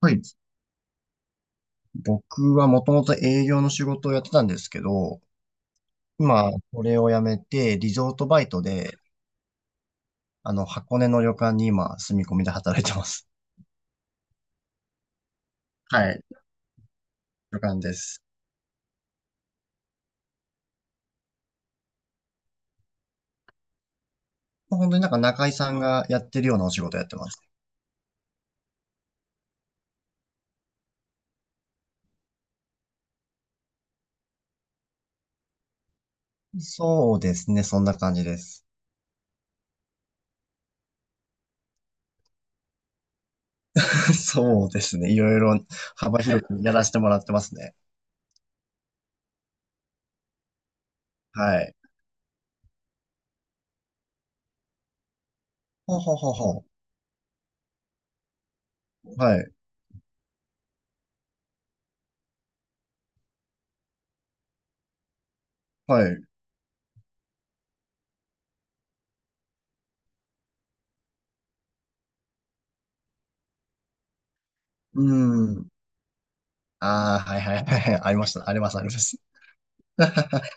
はい。僕はもともと営業の仕事をやってたんですけど、今、これを辞めて、リゾートバイトで、箱根の旅館に今、住み込みで働いてます。はい。旅館です。まあ本当になんか中井さんがやってるようなお仕事やってます。そうですね、そんな感じです。そうですね、いろいろ幅広くやらせてもらってますね。はい。ほうほうほうほう。はい、はい。うーん。ああ、はいはいはいはい。ありました。あります、あります。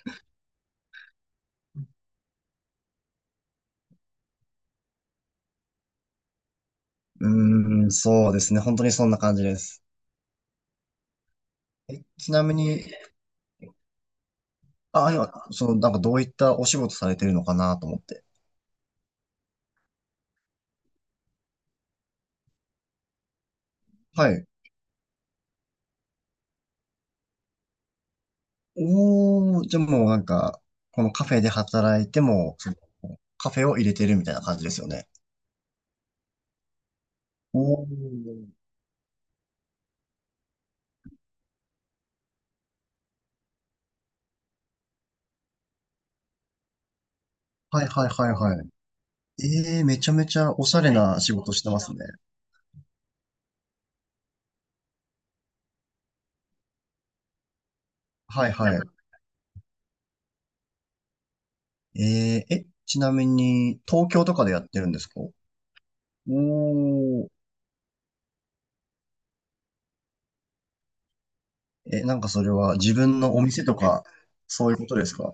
うーん、そうですね。本当にそんな感じです。え、ちなみに、あ、今、その、なんかどういったお仕事されてるのかなと思って。はい。おー、じゃあもうなんか、このカフェで働いても、そのカフェを入れてるみたいな感じですよね。おー、はいはいはいはい。めちゃめちゃおしゃれな仕事してますね。はいはい。え、ちなみに、東京とかでやってるんですか？おー、え、なんかそれは自分のお店とか、そういうことですか？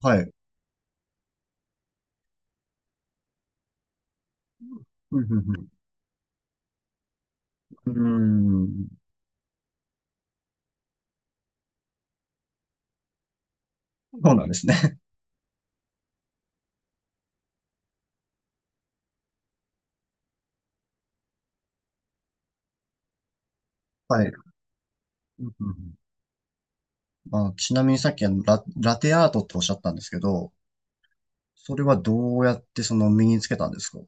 はい。うん、うん、うん。うーん。そうなんですね。はい。うん、うん、うん。まあ、ちなみにさっきあのラテアートっておっしゃったんですけど、それはどうやってその身につけたんですか？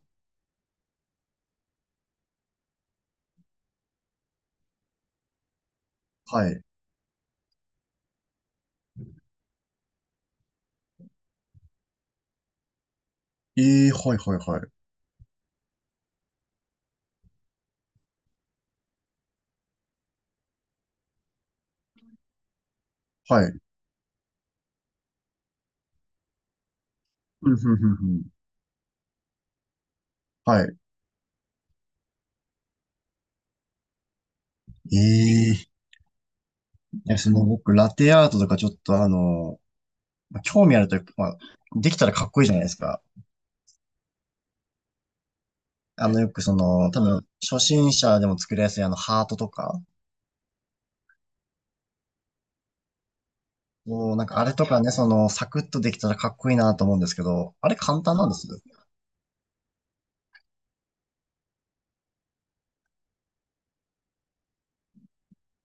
はい。ええ、はいはいはい。はい。うん、うん、うん、うん。はい。ええ、いや、その僕、ラテアートとかちょっとまあ興味あるというか、まあ、できたらかっこいいじゃないですか。よく多分、初心者でも作りやすいあの、ハートとか、もうなんかあれとかね、サクッとできたらかっこいいなと思うんですけど、あれ簡単なんです？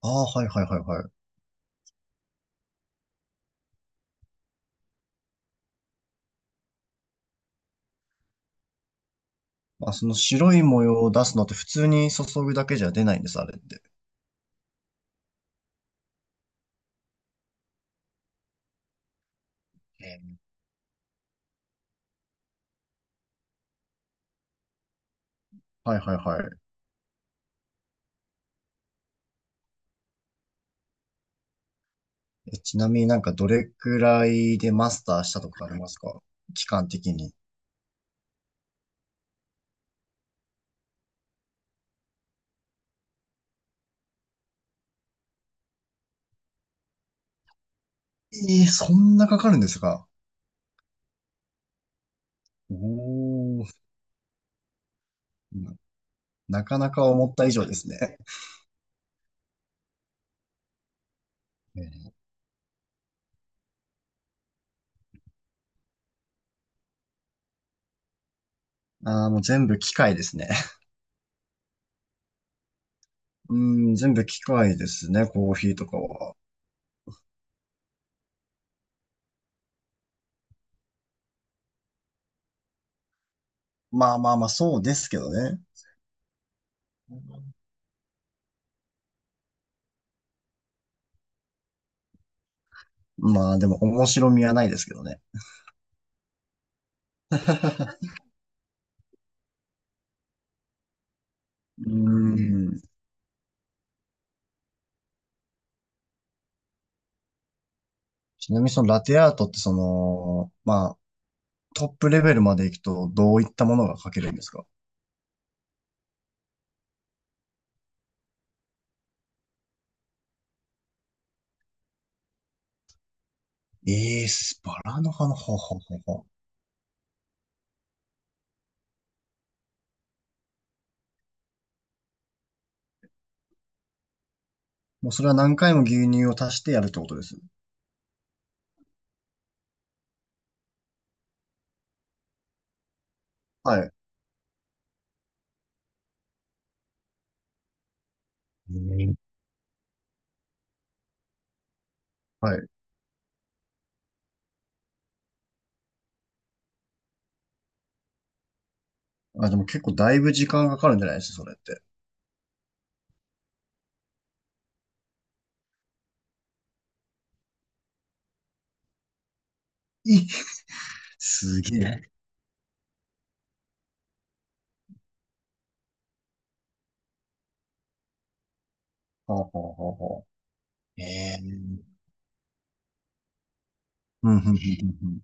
ああ、はいはいはいはい。まあ、その白い模様を出すのって普通に注ぐだけじゃ出ないんです、あれって。えーはいはいはい。え、ちなみになんかどれくらいでマスターしたとかありますか？期間的に。そんなかかるんですか？おー、ななかなか思った以上ですね。えーああ、もう全部機械ですね。うん、全部機械ですね、コーヒーとかは。まあまあまあ、そうですけどね。まあでも面白みはないですけどね。うーん。ちなみにそのラテアートってまあトップレベルまで行くとどういったものが描けるんですか？ええ、バラの花、ほうほうほうほう。もうそれは何回も牛乳を足してやるってことです？はい。うん、はい。あ、でも結構だいぶ時間かかるんじゃないですか、それって。いすげえ。ほうほうほうほう。ええー、うん、うん、うん、うん。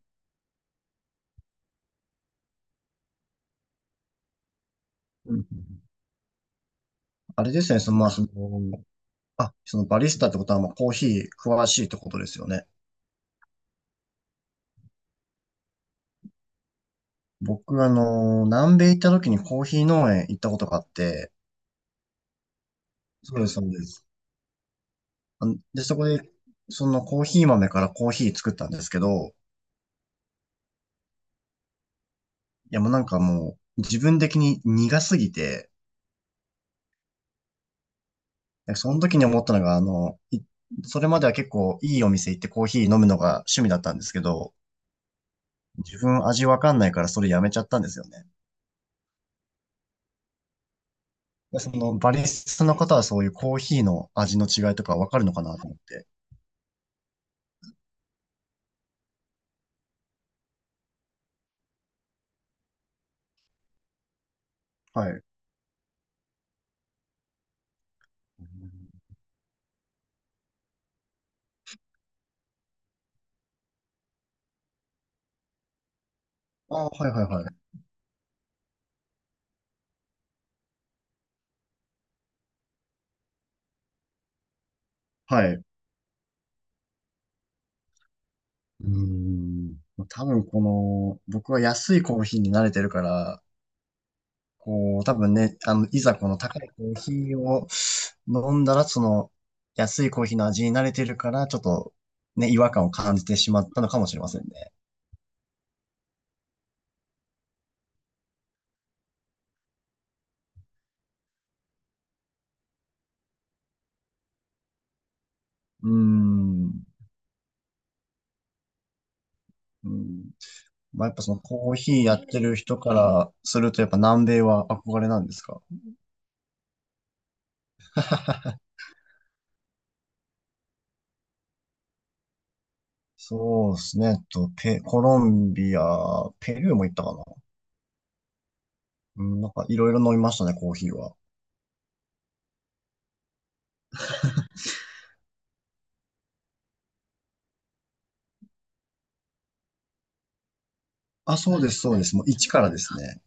うんうん。あれですね、まあ、あ、そのバリスタってことはもうコーヒー詳しいってことですよね。僕、南米行った時にコーヒー農園行ったことがあって、そうです、そうです。あので、そこで、そのコーヒー豆からコーヒー作ったんですけど、いやもうなんかもう、自分的に苦すぎて、その時に思ったのが、それまでは結構いいお店行ってコーヒー飲むのが趣味だったんですけど、自分味わかんないからそれやめちゃったんですよね。でそのバリスタの方はそういうコーヒーの味の違いとかわかるのかなと思って。はい。ああ、はいはいはい。はい。うーん。多分この、僕は安いコーヒーに慣れてるから、こう、多分ね、いざこの高いコーヒーを飲んだら、その、安いコーヒーの味に慣れてるから、ちょっと、ね、違和感を感じてしまったのかもしれませんね。うーん。うん。まあ、やっぱそのコーヒーやってる人からすると、やっぱ南米は憧れなんですか？そうですね。コロンビア、ペルーも行ったかな。うん、なんかいろいろ飲みましたね、コーヒーは。あ、そうです、そうです。もう一からですね。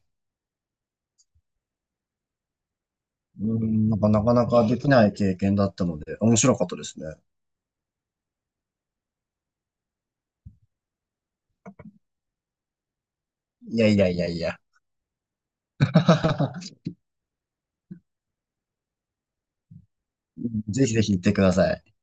うん、なんかなかなかできない経験だったので、面白かったですね。いやいやいやいや。ぜひぜひ行ってください。